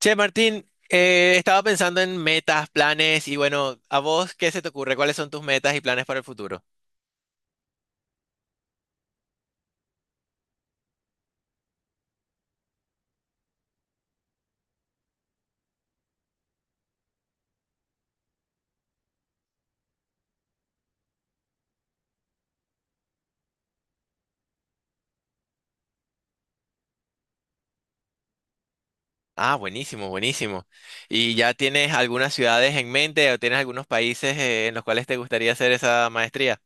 Che, Martín, estaba pensando en metas, planes y bueno, ¿a vos qué se te ocurre? ¿Cuáles son tus metas y planes para el futuro? Ah, buenísimo, buenísimo. ¿Y ya tienes algunas ciudades en mente o tienes algunos países en los cuales te gustaría hacer esa maestría?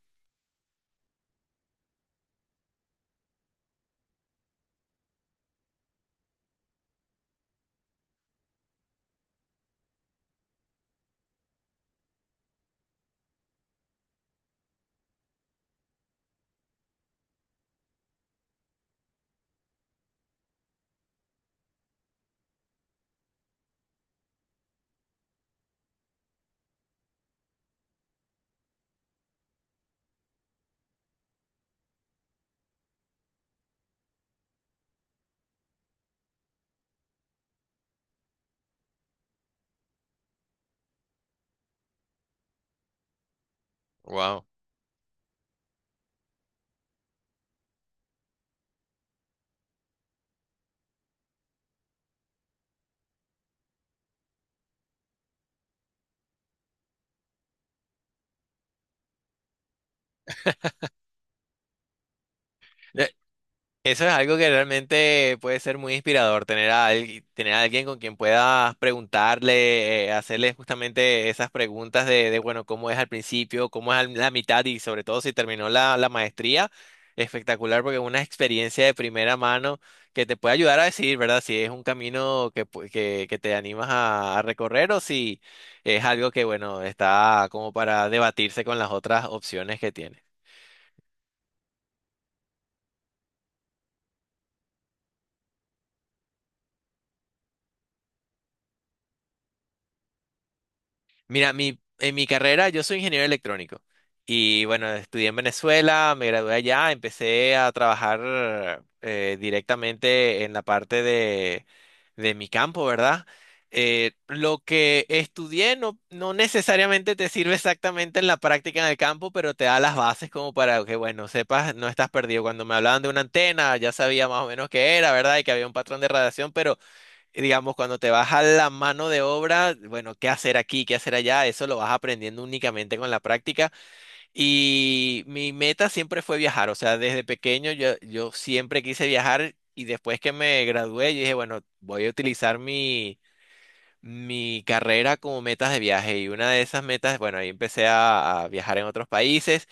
Wow. Eso es algo que realmente puede ser muy inspirador, tener tener a alguien con quien puedas preguntarle, hacerle justamente esas preguntas bueno, cómo es al principio, cómo es a la mitad y sobre todo si terminó la maestría. Espectacular porque es una experiencia de primera mano que te puede ayudar a decidir, ¿verdad? Si es un camino que te animas a recorrer o si es algo que, bueno, está como para debatirse con las otras opciones que tienes. Mira, en mi carrera yo soy ingeniero electrónico y bueno, estudié en Venezuela, me gradué allá, empecé a trabajar directamente en la parte de mi campo, ¿verdad? Lo que estudié no necesariamente te sirve exactamente en la práctica en el campo, pero te da las bases como para que, bueno, sepas, no estás perdido. Cuando me hablaban de una antena, ya sabía más o menos qué era, ¿verdad? Y que había un patrón de radiación, pero digamos, cuando te vas a la mano de obra, bueno, qué hacer aquí, qué hacer allá, eso lo vas aprendiendo únicamente con la práctica. Y mi meta siempre fue viajar, o sea, desde pequeño yo siempre quise viajar y después que me gradué, yo dije, bueno, voy a utilizar mi carrera como metas de viaje. Y una de esas metas, bueno, ahí empecé a viajar en otros países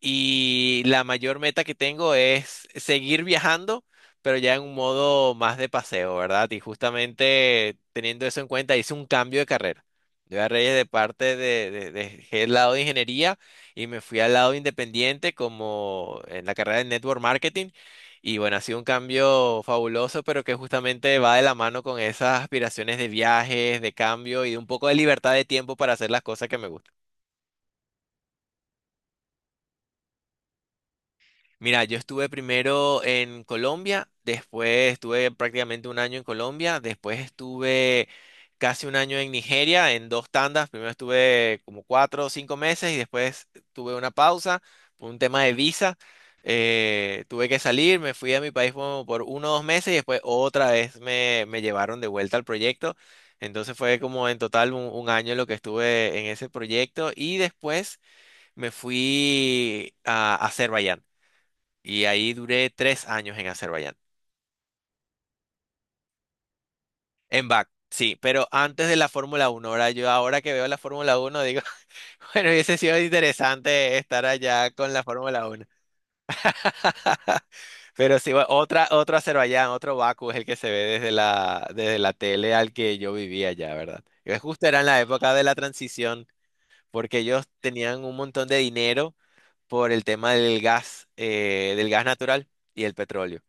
y la mayor meta que tengo es seguir viajando, pero ya en un modo más de paseo, ¿verdad? Y justamente teniendo eso en cuenta, hice un cambio de carrera. Yo agarré de parte dejé el lado de ingeniería y me fui al lado independiente como en la carrera de network marketing. Y bueno, ha sido un cambio fabuloso, pero que justamente va de la mano con esas aspiraciones de viajes, de cambio y de un poco de libertad de tiempo para hacer las cosas que me gustan. Mira, yo estuve primero en Colombia, después estuve prácticamente un año en Colombia, después estuve casi un año en Nigeria en dos tandas. Primero estuve como 4 o 5 meses y después tuve una pausa por un tema de visa. Tuve que salir, me fui a mi país como por 1 o 2 meses y después otra vez me llevaron de vuelta al proyecto. Entonces fue como en total un año lo que estuve en ese proyecto y después me fui a Azerbaiyán. Y ahí duré 3 años en Azerbaiyán. En BAC, sí, pero antes de la Fórmula Uno. Ahora yo, ahora que veo la Fórmula Uno, digo, bueno, hubiese sido interesante estar allá con la Fórmula Uno. Pero sí, bueno, otro Azerbaiyán, otro Bakú es el que se ve desde la tele al que yo vivía allá, ¿verdad? Y justo era en la época de la transición, porque ellos tenían un montón de dinero por el tema del gas natural y el petróleo.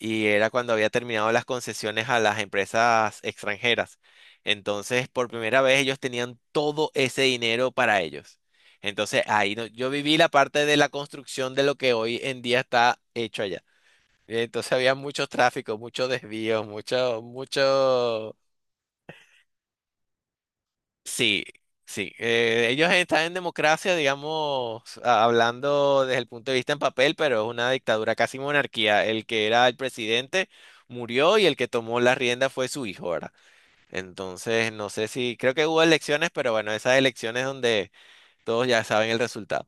Y era cuando había terminado las concesiones a las empresas extranjeras. Entonces, por primera vez ellos tenían todo ese dinero para ellos. Entonces, ahí no- yo viví la parte de la construcción de lo que hoy en día está hecho allá. Entonces había mucho tráfico, mucho desvío, mucho, mucho. Sí, sí. Ellos están en democracia, digamos, hablando desde el punto de vista en papel, pero es una dictadura, casi monarquía. El que era el presidente murió y el que tomó la rienda fue su hijo, ¿verdad? Entonces, no sé si, creo que hubo elecciones, pero bueno, esas elecciones donde todos ya saben el resultado.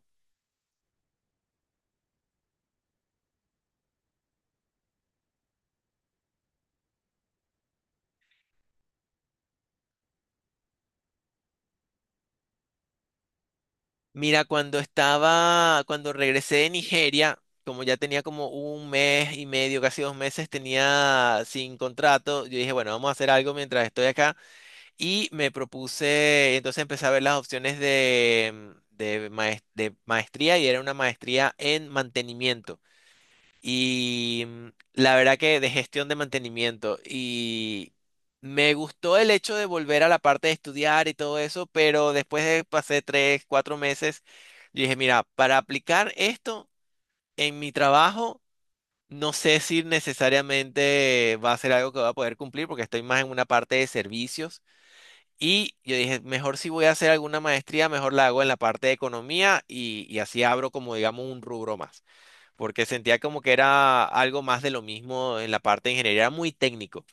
Mira, cuando estaba, cuando regresé de Nigeria, como ya tenía como un mes y medio, casi 2 meses, tenía sin contrato, yo dije, bueno, vamos a hacer algo mientras estoy acá. Y me propuse, entonces empecé a ver las opciones de maestría y era una maestría en mantenimiento. Y mm, la verdad que de gestión de mantenimiento. Y me gustó el hecho de volver a la parte de estudiar y todo eso, pero después de pasé tres, cuatro meses, yo dije, mira, para aplicar esto en mi trabajo, no sé si necesariamente va a ser algo que voy a poder cumplir porque estoy más en una parte de servicios. Y yo dije, mejor si voy a hacer alguna maestría, mejor la hago en la parte de economía y así abro como, digamos, un rubro más, porque sentía como que era algo más de lo mismo en la parte de ingeniería, era muy técnico.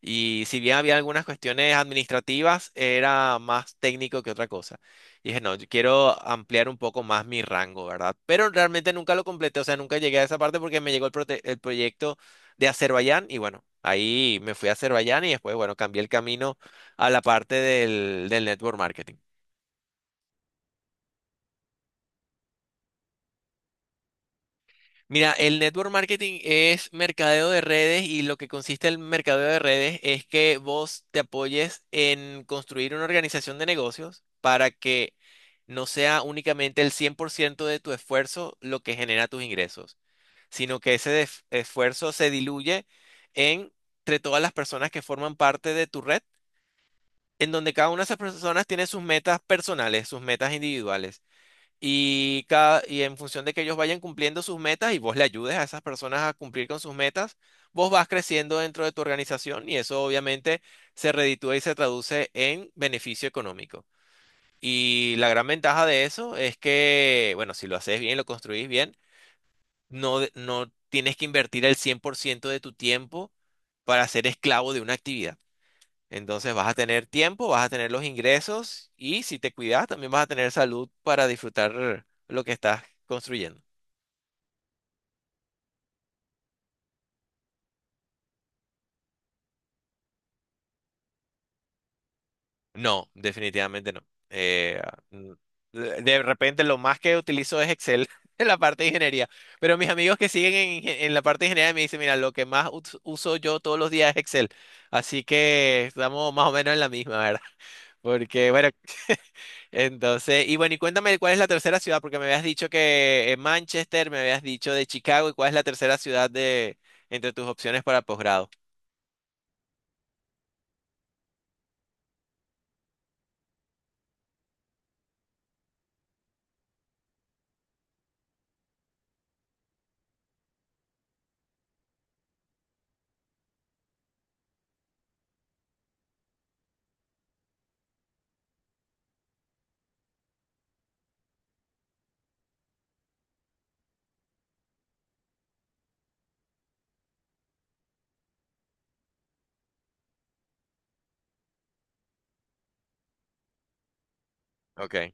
Y si bien había algunas cuestiones administrativas, era más técnico que otra cosa. Y dije, no, yo quiero ampliar un poco más mi rango, ¿verdad? Pero realmente nunca lo completé, o sea, nunca llegué a esa parte porque me llegó el proyecto de Azerbaiyán y bueno, ahí me fui a Azerbaiyán y después, bueno, cambié el camino a la parte del network marketing. Mira, el network marketing es mercadeo de redes y lo que consiste el mercadeo de redes es que vos te apoyes en construir una organización de negocios para que no sea únicamente el 100% de tu esfuerzo lo que genera tus ingresos, sino que ese esfuerzo se diluye en- entre todas las personas que forman parte de tu red, en donde cada una de esas personas tiene sus metas personales, sus metas individuales y, cada, y en función de que ellos vayan cumpliendo sus metas y vos le ayudes a esas personas a cumplir con sus metas, vos vas creciendo dentro de tu organización y eso obviamente se reditúa y se traduce en beneficio económico. Y la gran ventaja de eso es que, bueno, si lo haces bien, lo construís bien, no tienes que invertir el 100% de tu tiempo para ser esclavo de una actividad. Entonces vas a tener tiempo, vas a tener los ingresos y si te cuidas también vas a tener salud para disfrutar lo que estás construyendo. No, definitivamente no. Eh, mm, de repente lo más que utilizo es Excel en la parte de ingeniería, pero mis amigos que siguen en la parte de ingeniería me dicen, mira, lo que más uso yo todos los días es Excel. Así que estamos más o menos en la misma, ¿verdad? Porque, bueno, entonces, y bueno, y cuéntame cuál es la tercera ciudad, porque me habías dicho que Manchester, me habías dicho de Chicago, y cuál es la tercera ciudad de entre tus opciones para posgrado. Ok,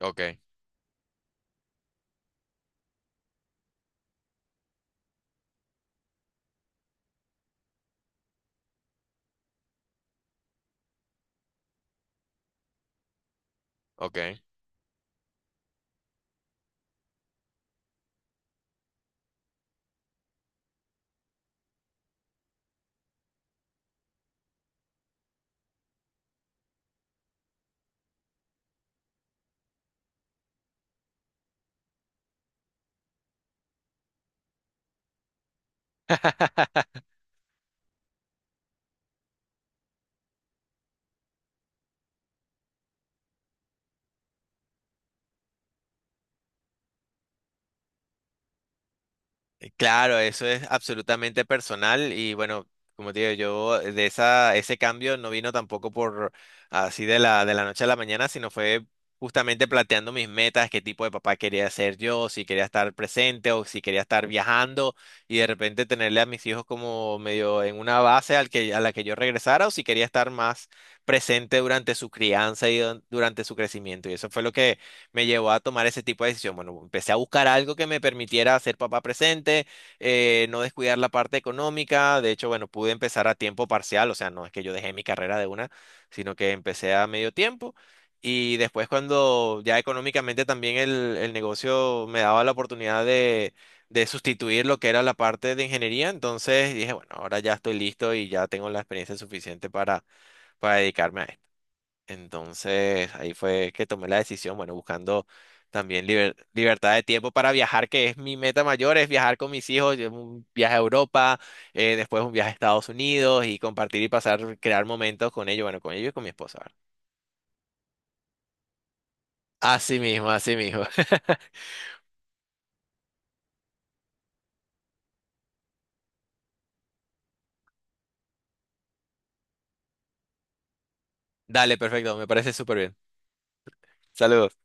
ok, ok. Claro, eso es absolutamente personal y bueno, como te digo, yo de esa, ese cambio no vino tampoco por así de la noche a la mañana, sino fue justamente planteando mis metas, qué tipo de papá quería ser yo, si quería estar presente o si quería estar viajando y de repente tenerle a mis hijos como medio en una base al que, a la que yo regresara o si quería estar más presente durante su crianza y durante su crecimiento. Y eso fue lo que me llevó a tomar ese tipo de decisión. Bueno, empecé a buscar algo que me permitiera ser papá presente, no descuidar la parte económica. De hecho, bueno, pude empezar a tiempo parcial, o sea, no es que yo dejé mi carrera de una, sino que empecé a medio tiempo. Y después cuando ya económicamente también el negocio me daba la oportunidad de sustituir lo que era la parte de ingeniería, entonces dije, bueno, ahora ya estoy listo y ya tengo la experiencia suficiente para dedicarme a esto. Entonces ahí fue que tomé la decisión, bueno, buscando también libertad de tiempo para viajar, que es mi meta mayor, es viajar con mis hijos, un viaje a Europa, después un viaje a Estados Unidos y compartir y pasar, crear momentos con ellos, bueno, con ellos y con mi esposa. ¿Verdad? Así mismo, así mismo. Dale, perfecto, me parece súper bien. Saludos.